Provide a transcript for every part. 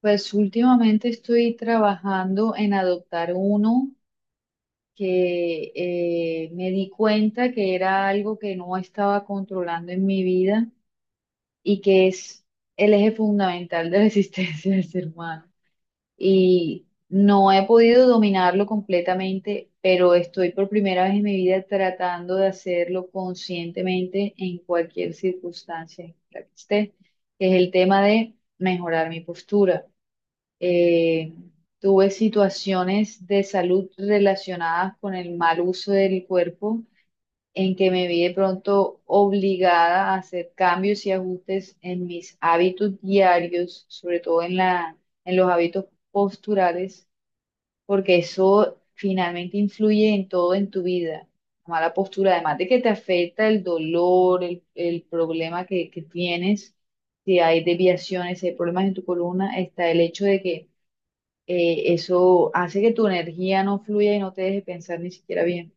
Pues últimamente estoy trabajando en adoptar uno que me di cuenta que era algo que no estaba controlando en mi vida y que es el eje fundamental de la existencia del ser humano. Y no he podido dominarlo completamente, pero estoy por primera vez en mi vida tratando de hacerlo conscientemente en cualquier circunstancia en la que esté, que es el tema de mejorar mi postura. eh, Tuve situaciones de salud relacionadas con el mal uso del cuerpo, en que me vi de pronto obligada a hacer cambios y ajustes en mis hábitos diarios, sobre todo en en los hábitos posturales, porque eso finalmente influye en todo en tu vida. La mala postura, además de que te afecta el dolor, el problema que tienes, si hay desviaciones, si hay problemas en tu columna, está el hecho de que eso hace que tu energía no fluya y no te deje pensar ni siquiera bien.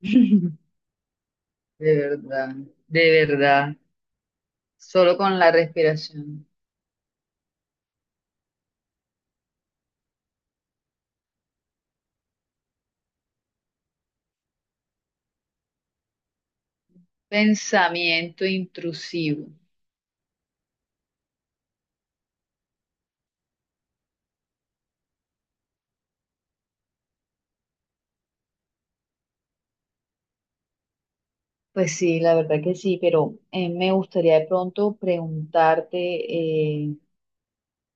De verdad, de verdad, solo con la respiración. Pensamiento intrusivo. Pues sí, la verdad que sí, pero me gustaría de pronto preguntarte,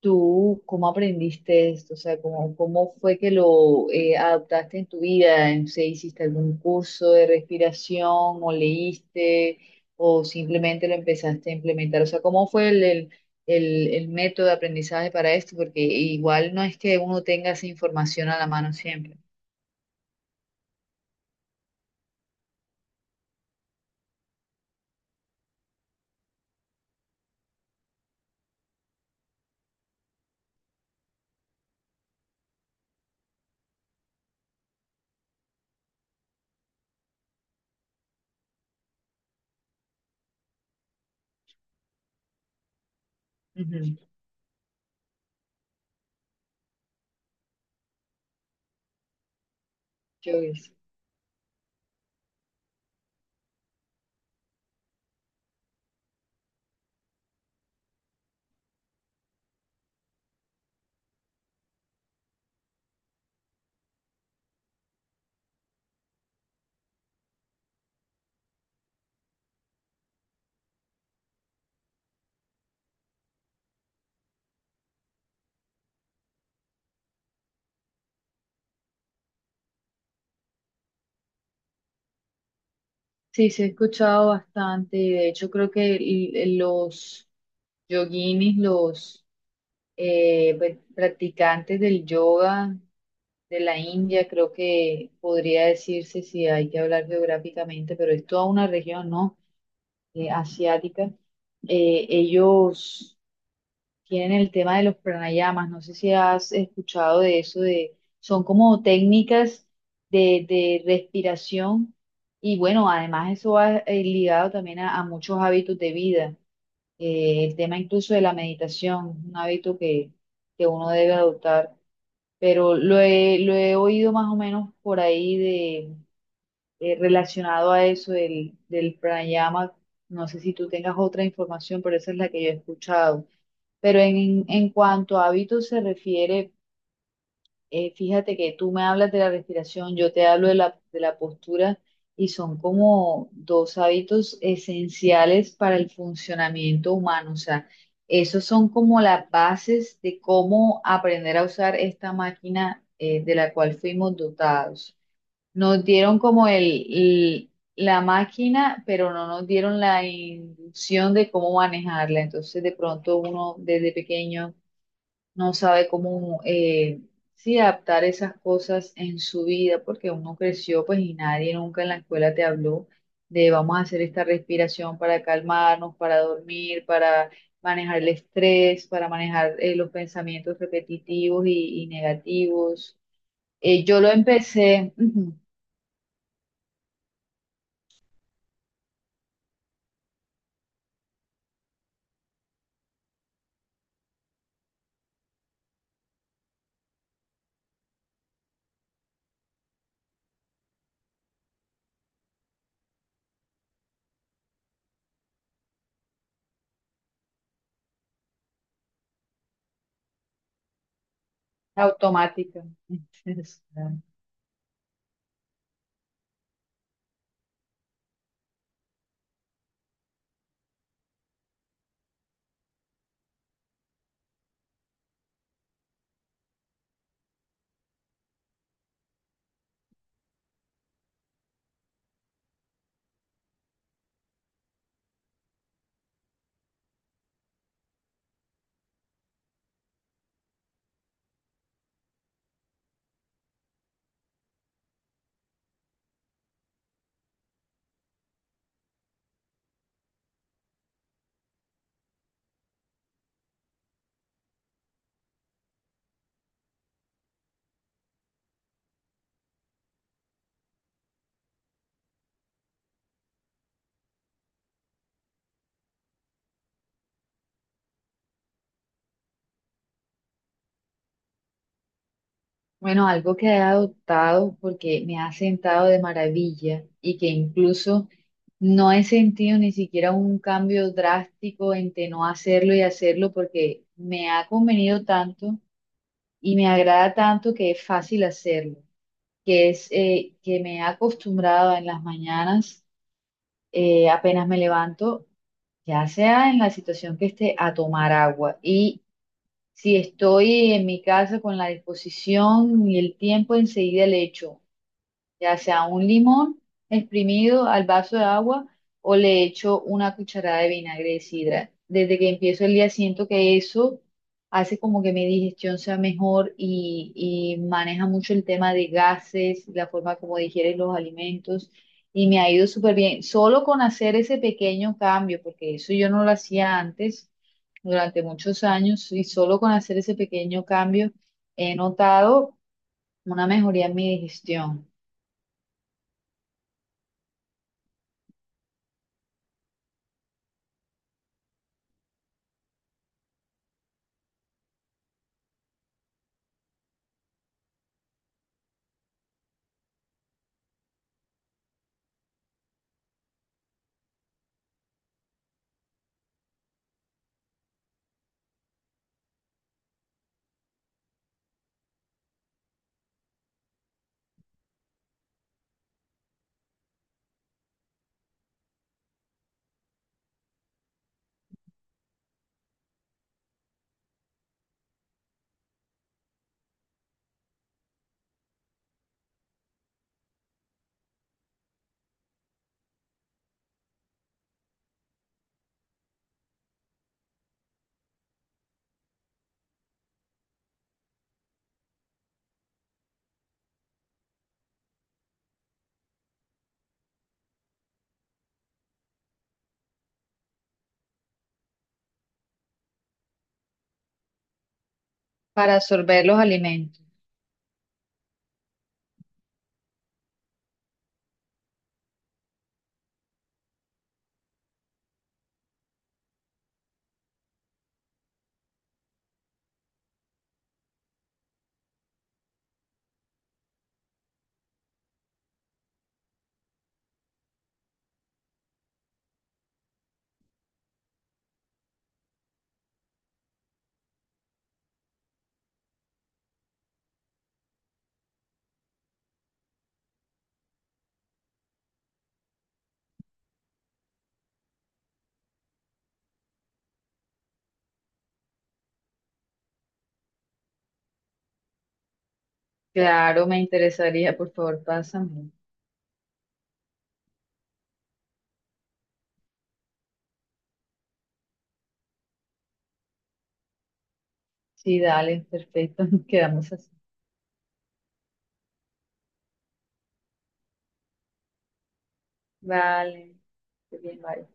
¿tú cómo aprendiste esto? O sea, ¿cómo fue que lo adaptaste en tu vida? No sé, ¿hiciste algún curso de respiración o leíste o simplemente lo empezaste a implementar? O sea, ¿cómo fue el método de aprendizaje para esto? Porque igual no es que uno tenga esa información a la mano siempre. Ujú. Yo sí, sí he escuchado bastante, de hecho creo que los yoguinis, los pues, practicantes del yoga de la India, creo que podría decirse si hay que hablar geográficamente, pero es toda una región, ¿no? Asiática. Ellos tienen el tema de los pranayamas. No sé si has escuchado de eso, de, son como técnicas de respiración y bueno, además eso va ligado también a muchos hábitos de vida. El tema incluso de la meditación, un hábito que uno debe adoptar, pero lo he oído más o menos por ahí de, relacionado a eso del pranayama. No sé si tú tengas otra información, pero esa es la que yo he escuchado. Pero en cuanto a hábitos se refiere, fíjate que tú me hablas de la respiración, yo te hablo de de la postura y son como dos hábitos esenciales para el funcionamiento humano. O sea, esos son como las bases de cómo aprender a usar esta máquina, de la cual fuimos dotados. Nos dieron como el- la máquina, pero no nos dieron la inducción de cómo manejarla. Entonces, de pronto uno desde pequeño no sabe cómo sí adaptar esas cosas en su vida, porque uno creció pues y nadie nunca en la escuela te habló de vamos a hacer esta respiración para calmarnos, para dormir, para manejar el estrés, para manejar los pensamientos repetitivos y negativos. Yo lo empecé ujú, automática. Bueno, algo que he adoptado porque me ha sentado de maravilla y que incluso no he sentido ni siquiera un cambio drástico entre no hacerlo y hacerlo porque me ha convenido tanto y me agrada tanto que es fácil hacerlo, que es que me he acostumbrado en las mañanas, apenas me levanto, ya sea en la situación que esté, a tomar agua. Y si estoy en mi casa con la disposición y el tiempo, enseguida le echo ya sea un limón exprimido al vaso de agua o le echo una cucharada de vinagre de sidra. Desde que empiezo el día siento que eso hace como que mi digestión sea mejor y maneja mucho el tema de gases, la forma como digieres los alimentos y me ha ido súper bien. Solo con hacer ese pequeño cambio, porque eso yo no lo hacía antes durante muchos años, y solo con hacer ese pequeño cambio he notado una mejoría en mi digestión. Para absorber los alimentos. Claro, me interesaría, por favor, pásame. Sí, dale, perfecto, quedamos así. Vale, qué bien, vale.